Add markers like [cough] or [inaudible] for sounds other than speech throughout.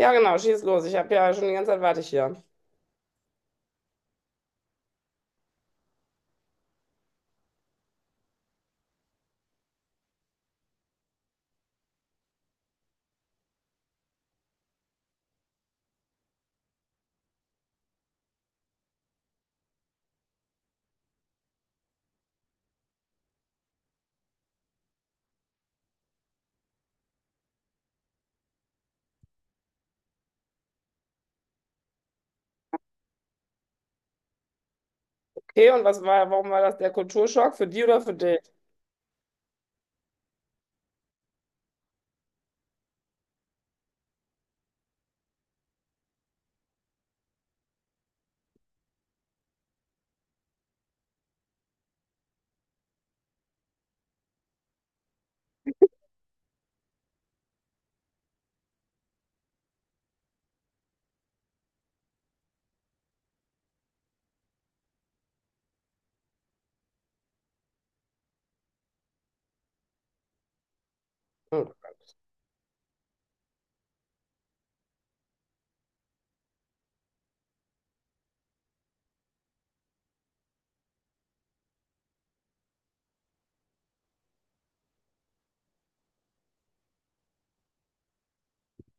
Ja, genau, schieß los. Ich habe ja schon die ganze Zeit warte ich hier. Okay, und was war, warum war das der Kulturschock? Für die oder für dich? Hm.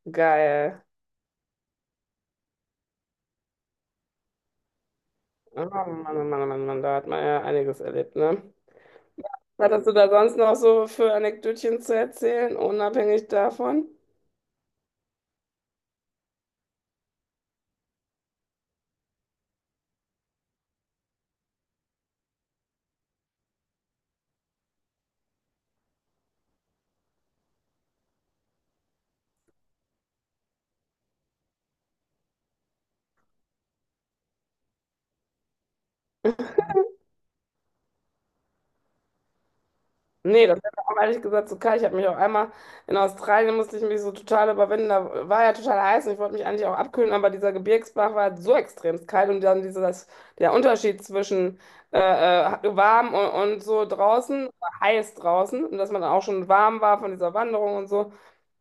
Geil. Oh Mann, oh Mann, oh Mann, oh Mann, da hat man ja einiges erlebt, ne? Was hast du da sonst noch so für Anekdötchen zu erzählen, unabhängig davon? Nee, das wäre auch ehrlich gesagt so kalt. Ich habe mich auch einmal in Australien musste ich mich so total überwinden. Da war ja total heiß und ich wollte mich eigentlich auch abkühlen, aber dieser Gebirgsbach war halt so extrem kalt und dann dieser, das, der Unterschied zwischen warm und so draußen, heiß draußen und dass man dann auch schon warm war von dieser Wanderung und so.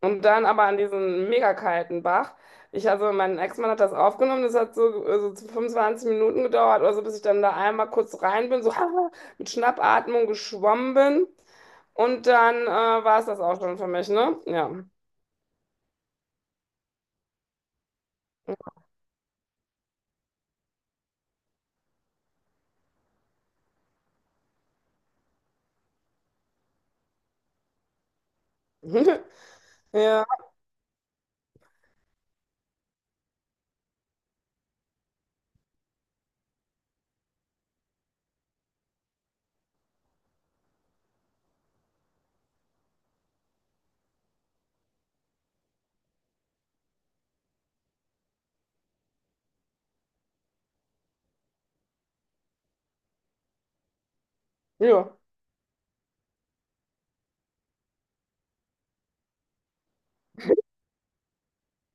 Und dann aber an diesen mega kalten Bach. Ich, also mein Ex-Mann hat das aufgenommen, das hat so, so 25 Minuten gedauert oder so, bis ich dann da einmal kurz rein bin, so [laughs] mit Schnappatmung geschwommen bin. Und dann war es das auch schon für mich, ne? Ja. [laughs] Ja, ja.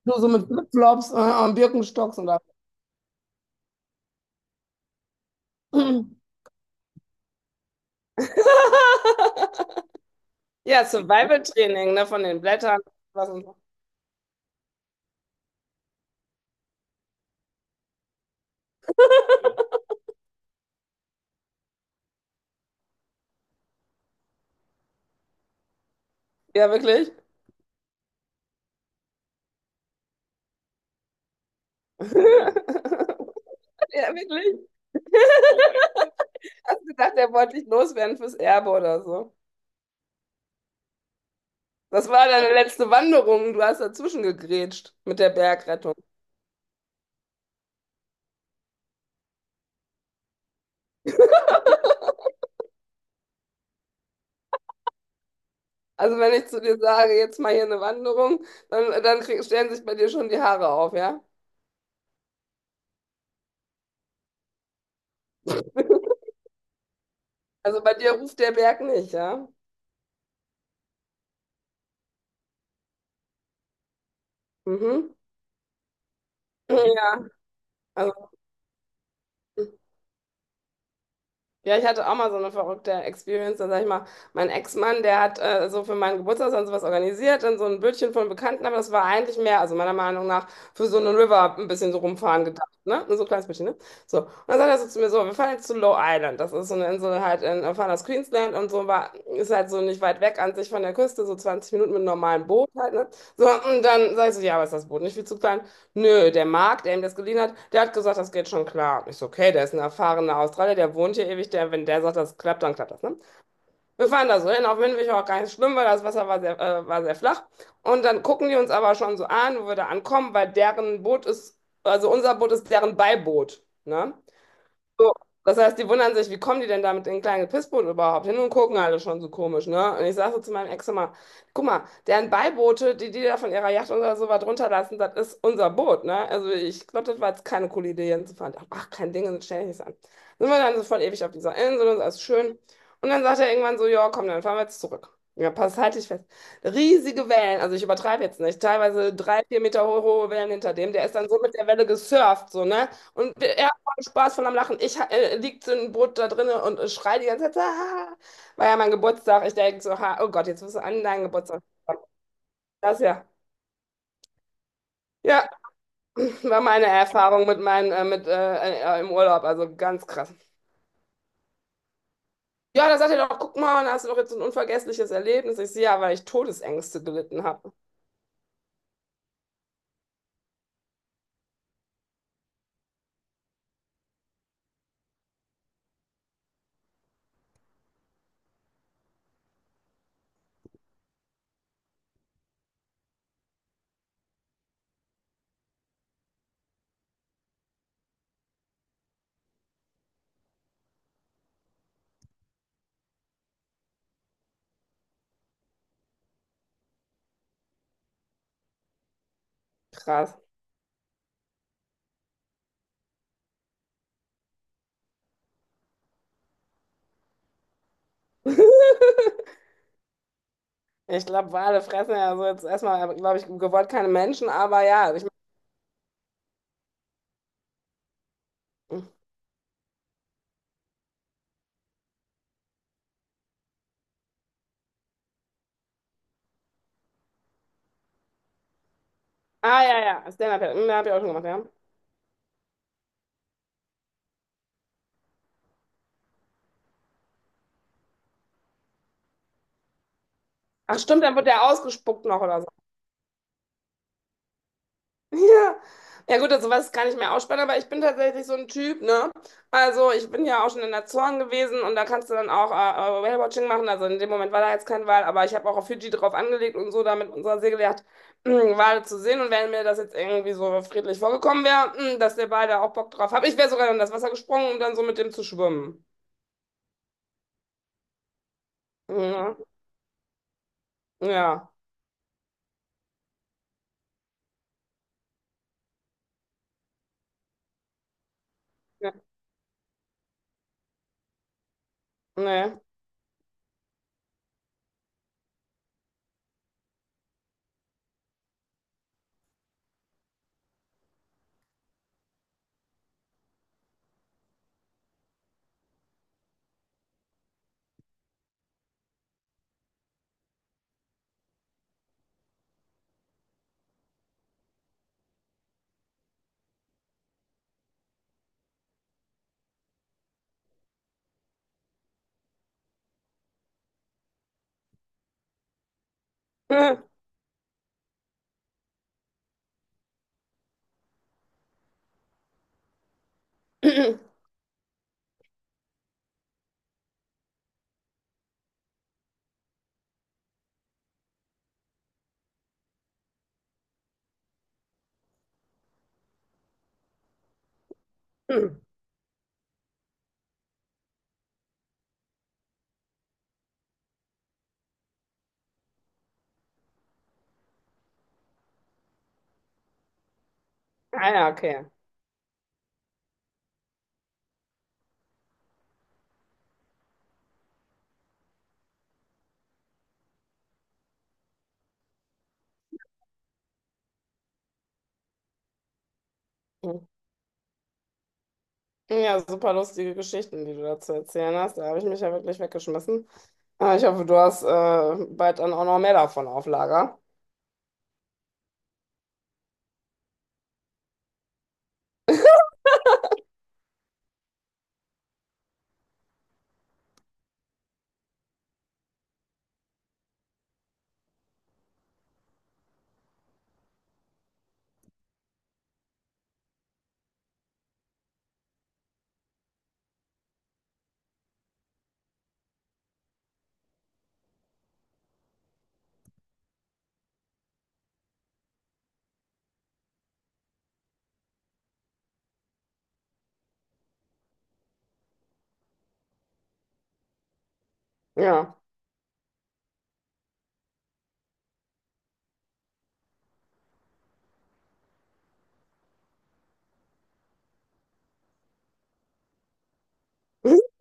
Du so mit Flipflops und Birkenstocks und da. [laughs] [clears throat] Ja, Survival-Training, ne, von den Blättern. Was und so. Ja, wirklich? [laughs] Ja, wirklich? Hast du gedacht, er wollte dich loswerden fürs Erbe oder so? Das war deine letzte Wanderung. Du hast dazwischen gegrätscht mit der Bergrettung. Also wenn ich zu dir sage, jetzt mal hier eine Wanderung, dann, dann krieg, stellen sich bei dir schon die Haare auf, ja? Also bei dir ruft der Berg nicht, ja? Mhm. Ja, also, ja, ich hatte auch mal so eine verrückte Experience. Dann sag ich mal, mein Ex-Mann, der hat so für meinen Geburtstag dann sowas organisiert, dann so ein Bötchen von Bekannten, aber das war eigentlich mehr, also meiner Meinung nach, für so einen River ein bisschen so rumfahren gedacht, ne? So ein kleines bisschen, ne? So. Und dann sagt er so zu mir so, wir fahren jetzt zu Low Island. Das ist so eine Insel halt in, wir fahren aus Queensland und so war, ist halt so nicht weit weg an sich von der Küste, so 20 Minuten mit einem normalen Boot halt, ne? So, und dann sag ich so, ja, aber ist das Boot nicht viel zu klein? Nö, der Mark, der ihm das geliehen hat, der hat gesagt, das geht schon klar. Ich so, okay, der ist ein erfahrener Australier, der wohnt hier ewig, der, wenn der sagt, das klappt, dann klappt das, ne? Wir fahren da so hin, auf Windweg auch gar nicht so schlimm, weil das Wasser war sehr flach. Und dann gucken die uns aber schon so an, wo wir da ankommen, weil deren Boot ist, also unser Boot ist deren Beiboot, ne? So, das heißt, die wundern sich, wie kommen die denn da mit den kleinen Pissboot überhaupt hin und gucken alle schon so komisch, ne? Und ich sag so zu meinem Ex immer, guck mal, deren Beiboote, die die da von ihrer Yacht oder so was runterlassen, das ist unser Boot, ne? Also ich glaube, das war jetzt keine coole Idee, Jens zu fahren. Ach, kein Ding, das stell ich nicht an. Sind wir dann so voll ewig auf dieser Insel und so, alles schön. Und dann sagt er irgendwann so, ja, komm, dann fahren wir jetzt zurück. Ja, pass, halt dich fest. Riesige Wellen, also ich übertreibe jetzt nicht, teilweise drei, vier Meter hohe, hohe Wellen hinter dem, der ist dann so mit der Welle gesurft, so, ne? Und er Spaß von am Lachen. Ich liegt so ein Brot da drinne und schrei die ganze Zeit, ah, war ja mein Geburtstag. Ich denke so, ha, oh Gott, jetzt wirst du an deinen Geburtstag. Kommen. Das ja. Ja, [clears throat] war meine Erfahrung mit meinen, mit, im Urlaub, also ganz krass. Ja, da sagt er doch, guck mal, da hast du doch jetzt so ein unvergessliches Erlebnis. Ich sehe ja, weil ich Todesängste gelitten habe. Krass. [laughs] Ich glaube, Wale fressen ja so jetzt erstmal, glaube ich, gewollt keine Menschen, aber ja. Ich, ah, ja, ja, Stand-up, ja, hm, hab ich auch schon gemacht, ja. Ach, stimmt, dann wird der ausgespuckt noch oder so. Ja. Ja gut, also was kann ich mir ausspannen, aber ich bin tatsächlich so ein Typ, ne? Also ich bin ja auch schon in der Zorn gewesen und da kannst du dann auch Whale-Watching machen. Also in dem Moment war da jetzt kein Wal, aber ich habe auch auf Fidschi drauf angelegt und so da mit unserer Segeljacht [clears throat] Wale zu sehen. Und wenn mir das jetzt irgendwie so friedlich vorgekommen wäre, hm, dass der Wal da auch Bock drauf hat, ich wäre sogar in das Wasser gesprungen, um dann so mit dem zu schwimmen. Ja. Ja. Ja. Nee. [laughs] [clears throat] Ah ja, okay. Mhm. Ja, super lustige Geschichten, die du da zu erzählen hast. Da habe ich mich ja wirklich weggeschmissen. Aber ich hoffe, du hast bald dann auch noch mehr davon auf Lager. Ja. [laughs]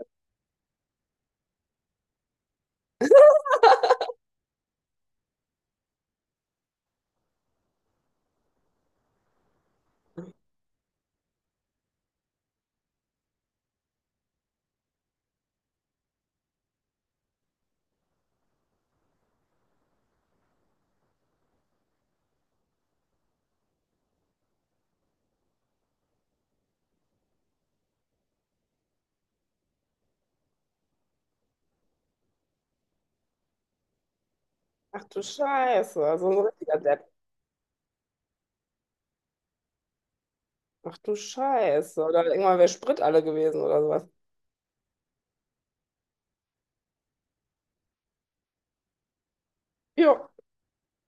Ach du Scheiße, also ein richtiger Depp. Ach du Scheiße. Oder irgendwann wäre Sprit alle gewesen oder sowas. Jo.